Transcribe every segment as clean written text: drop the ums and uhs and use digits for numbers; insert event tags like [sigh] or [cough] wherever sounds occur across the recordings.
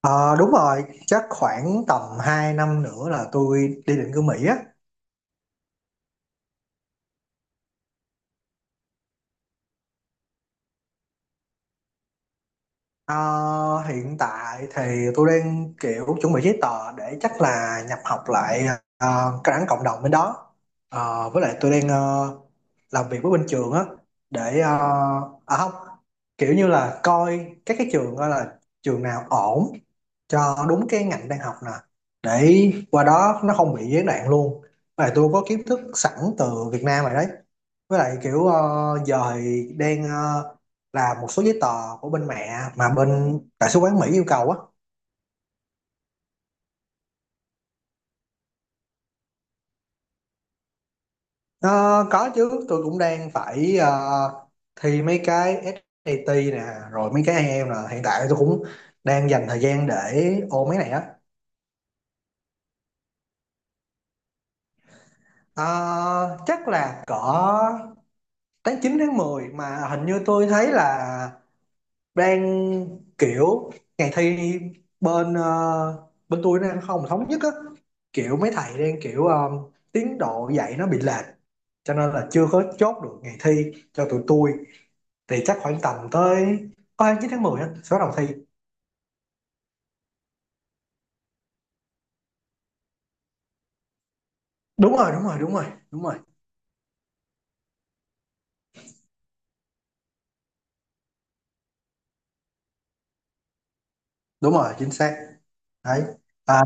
Ờ, đúng rồi, chắc khoảng tầm 2 năm nữa là tôi đi định cư Mỹ á. Ờ, Hiện tại thì tôi đang kiểu chuẩn bị giấy tờ để chắc là nhập học lại cái đảng cộng đồng bên đó. Với lại tôi đang làm việc với bên trường á để ờ, à không kiểu như là coi các cái trường, coi là trường nào ổn cho đúng cái ngành đang học nè, để qua đó nó không bị gián đoạn luôn. Và tôi có kiến thức sẵn từ Việt Nam rồi đấy, với lại kiểu giờ thì đang làm một số giấy tờ của bên mẹ mà bên đại sứ quán Mỹ yêu cầu á. Ờ, có chứ, tôi cũng đang phải thi mấy cái SAT nè, rồi mấy cái IELTS nè, hiện tại tôi cũng đang dành thời gian để ôn mấy này á. Ờ, Chắc là cỡ tháng 9 tháng mười, mà hình như tôi thấy là đang kiểu ngày thi bên bên tôi nó đang không thống nhất á, kiểu mấy thầy đang kiểu tiến độ dạy nó bị lệch, cho nên là chưa có chốt được ngày thi cho tụi tôi. Thì chắc khoảng tầm tới có 29 tháng 10 á sẽ bắt đầu thi. Đúng rồi, đúng rồi, đúng rồi. Đúng rồi. Đúng rồi, chính xác. Đấy.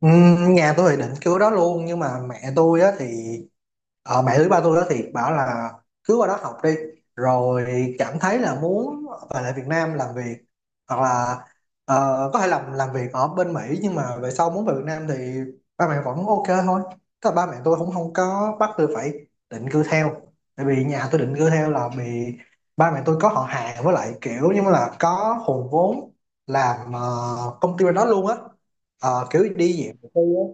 Nhà tôi thì định cứu đó luôn, nhưng mà mẹ tôi á thì mẹ với ba tôi đó thì bảo là cứ qua đó học đi, rồi cảm thấy là muốn về lại Việt Nam làm việc, hoặc là ờ, có thể làm việc ở bên Mỹ, nhưng mà về sau muốn về Việt Nam thì ba mẹ vẫn ok thôi. Tức là ba mẹ tôi cũng không có bắt tôi phải định cư theo. Tại vì nhà tôi định cư theo là bị ba mẹ tôi có họ hàng, với lại kiểu như là có hùn vốn làm công ty bên đó luôn á. Ờ, kiểu đi dạng tự tư á,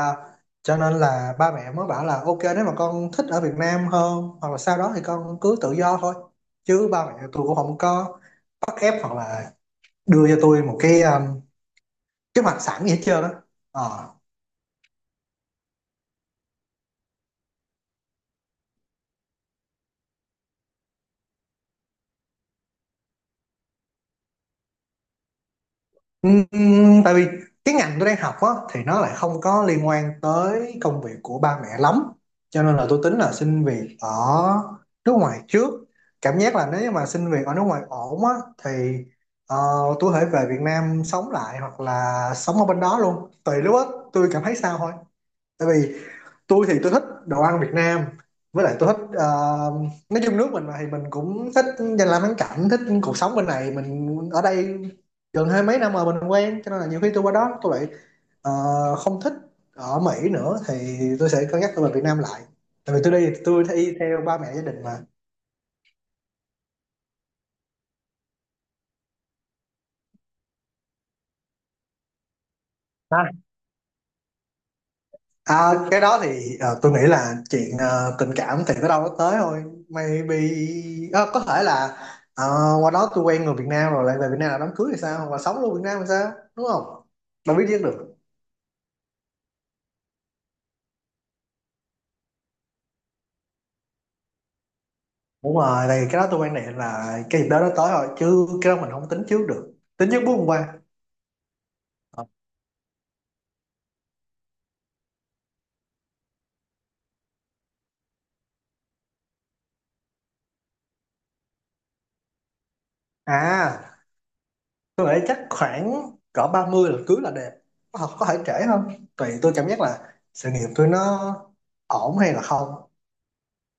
yeah. Cho nên là ba mẹ mới bảo là ok, nếu mà con thích ở Việt Nam hơn hoặc là sau đó thì con cứ tự do thôi, chứ ba mẹ tôi cũng không có bắt ép hoặc là đưa cho tôi một cái kế hoạch sẵn gì hết trơn đó. Ừm, tại vì cái ngành tôi đang học á, thì nó lại không có liên quan tới công việc của ba mẹ lắm, cho nên là tôi tính là xin việc ở nước ngoài trước. Cảm giác là nếu như mà xin việc ở nước ngoài ổn á thì ờ, tôi có thể về Việt Nam sống lại hoặc là sống ở bên đó luôn, tùy lúc á, tôi cảm thấy sao thôi. Tại vì tôi thích đồ ăn Việt Nam, với lại tôi thích nói chung nước mình mà thì mình cũng thích danh lam thắng cảnh, thích cuộc sống bên này, mình ở đây gần hai mấy năm rồi mình quen, cho nên là nhiều khi tôi qua đó tôi lại ờ, không thích ở Mỹ nữa thì tôi sẽ cân nhắc tôi về Việt Nam lại. Tại vì tôi đi theo ba mẹ gia đình mà. À, cái đó thì tôi nghĩ là chuyện tình cảm thì tới đâu nó tới thôi. Maybe có thể là ờ, qua đó tôi quen người Việt Nam rồi lại về Việt Nam là đám cưới thì sao, hoặc là sống luôn Việt Nam thì sao, đúng không? Đâu biết biết được. Đúng rồi, thì cái đó tôi quan niệm là cái dịp đó nó tới rồi, chứ cái đó mình không tính trước được, tính trước bước hôm qua. Ờ. À, tôi nghĩ chắc khoảng cỡ 30 là cưới là đẹp, có thể trễ không tùy tôi cảm giác là sự nghiệp tôi nó ổn hay là không.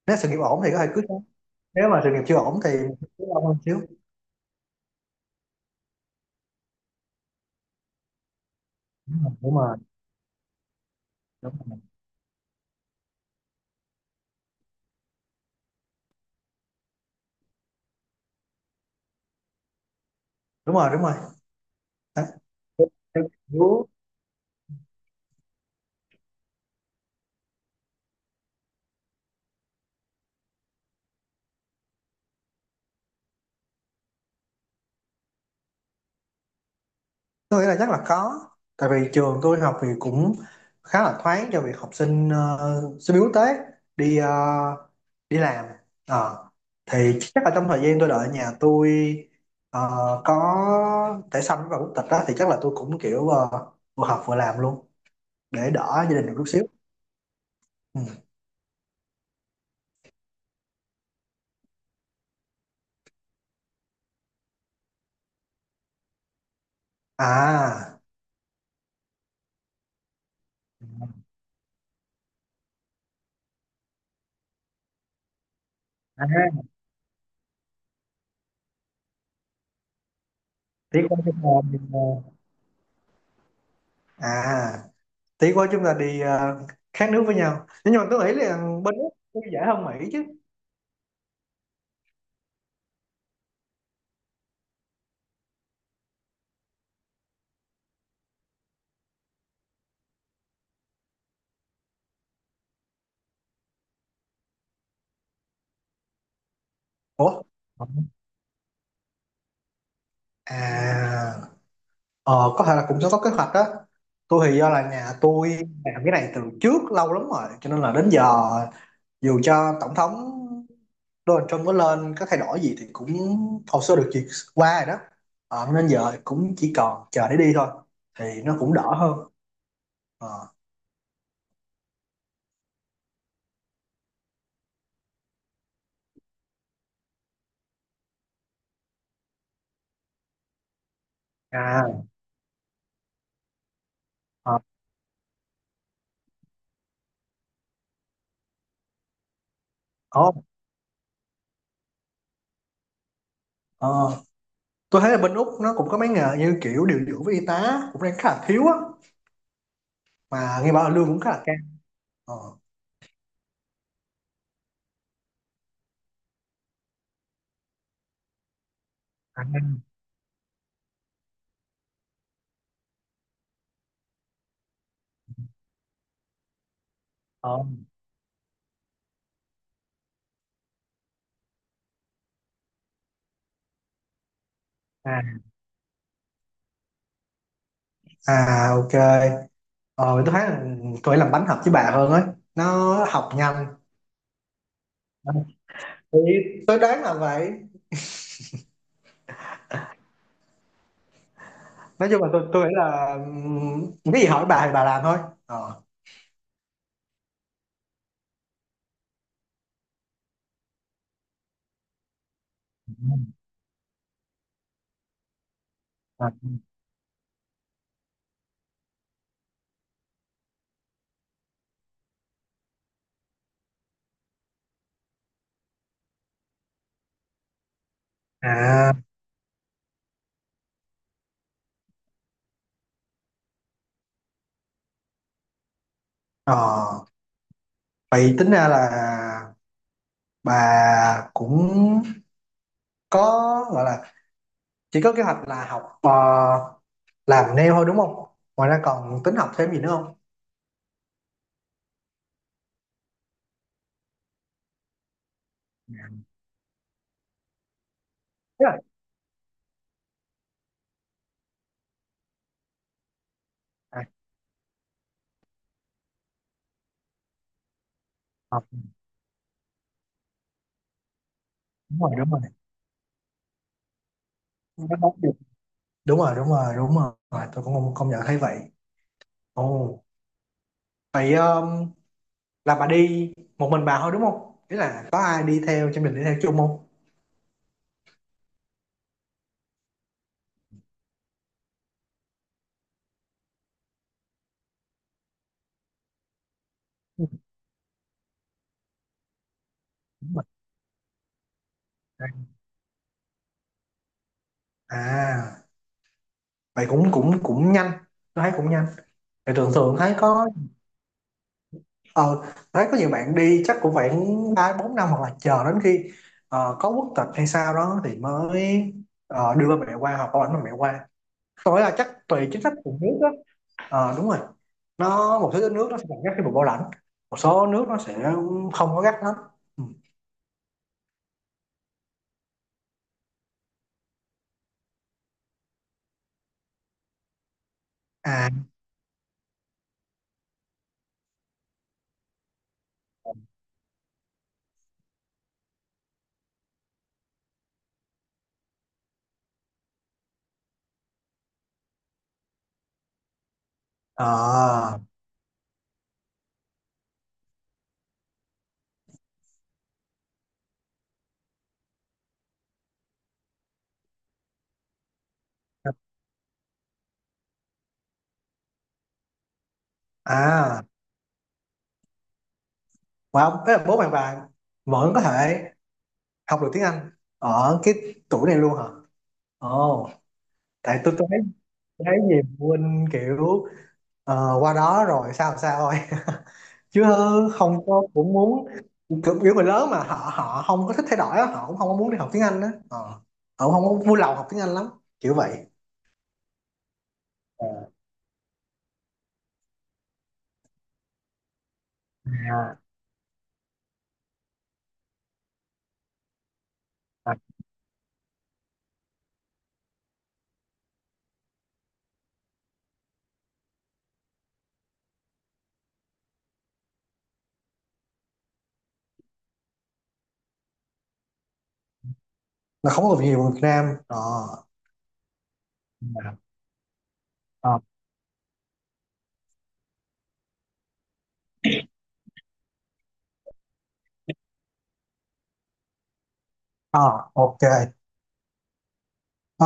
Nếu sự nghiệp ổn thì có thể cưới, nếu mà sự nghiệp chưa ổn thì cứ lâu hơn xíu. Đúng rồi, đúng rồi, đúng rồi, đúng rồi. Đấy. Đúng. Tôi nghĩ là chắc là có. Tại vì trường tôi học thì cũng khá là thoáng cho việc học sinh sinh viên quốc tế đi ờ, đi làm. Ờ. Thì chắc là trong thời gian tôi đợi nhà tôi ờ, có thẻ xanh và quốc tịch đó thì chắc là tôi cũng kiểu vừa học vừa làm luôn để đỡ gia đình được chút xíu. Ừ. à à, Tiếc quá cái môn, ờ, à tỷ của chúng ta đi khác nước với nhau, nhưng mà tôi nghĩ là bên Úc cũng dễ hơn Mỹ chứ. Ủa. à ờ, có thể là cũng sẽ có kế hoạch đó. Tôi thì do là nhà tôi làm cái này từ trước lâu lắm rồi, cho nên là đến giờ dù cho tổng thống Donald Trump có lên có thay đổi gì thì cũng hồ sơ được duyệt qua rồi đó. Ờ, nên giờ cũng chỉ còn chờ để đi thôi, thì nó cũng đỡ hơn. Ờ. à ờ, Ổn. Ờ. Tôi thấy là bên Úc nó cũng có mấy nghề như kiểu điều dưỡng với y tá cũng đang khá là thiếu á, mà nghe bảo là lương cũng khá là cao. Ờ. À, ờ, à, ok. Ờ tôi thấy là tôi làm bánh hợp với bà hơn ấy, nó học nhanh. À, thì tôi đoán là vậy. Nói chung là tôi nghĩ là cái gì hỏi bà thì bà làm thôi. ờ à, à ờ, vậy tính ra là bà cũng có gọi là chỉ có kế hoạch là học làm nail thôi đúng không? Ngoài ra còn tính học thêm gì nữa không? Thế à, à, học Đúng rồi, đúng rồi. Nó đóng được. Đúng rồi, đúng rồi, đúng rồi. À, tôi cũng không không nhận thấy vậy. Ồ, vậy là bà đi một mình bà thôi đúng không, nghĩa là có ai đi theo cho mình đi theo chung không? Ừ, đúng rồi. À, vậy cũng cũng cũng nhanh, tôi thấy cũng nhanh. Thì thường thường thấy có ờ thấy có nhiều bạn đi chắc cũng phải ba bốn năm, hoặc là chờ đến khi có quốc tịch hay sao đó thì mới đưa ba mẹ qua, hoặc có ảnh ba mẹ qua. Tôi là chắc tùy chính sách của nước đó. Ờ, đúng rồi. Nó một số nước nó sẽ còn gắt khi vùng bảo lãnh, một số nước nó sẽ không có gắt lắm. Ừ. à ờ à mà ông thế là bố bạn bà vẫn có thể học được tiếng Anh ở cái tuổi này luôn hả? Ồ, tại tôi thấy, tôi thấy nhiều phụ huynh kiểu qua đó rồi sao sao thôi [laughs] chứ không có, cũng muốn kiểu kiểu người lớn mà họ họ không có thích thay đổi á, họ cũng không có muốn đi học tiếng Anh á. Ờ, họ cũng không có vui lòng học tiếng Anh lắm, kiểu vậy. Ờ. à, à, nó không có nhiều người Việt Nam. Ờ à, à. Ờ, ok. Ờ,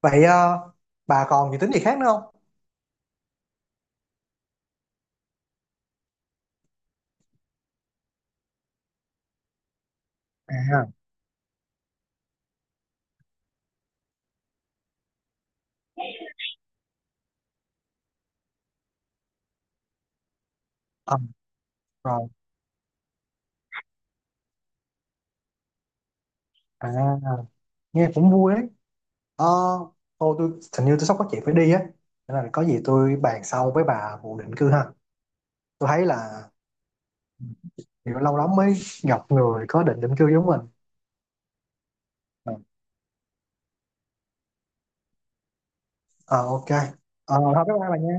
vậy bà còn dự tính gì khác nữa không? À ờ, rồi à Nghe cũng vui đấy. Ờ, thôi tôi hình như tôi sắp có chuyện phải đi á, cho nên là có gì tôi bàn sau với bà vụ định cư ha. Tôi thấy là kiểu lâu lắm mới gặp người có định định cư giống mình. Ờ, ờ ok. Ờ, thôi bye bye bà nha.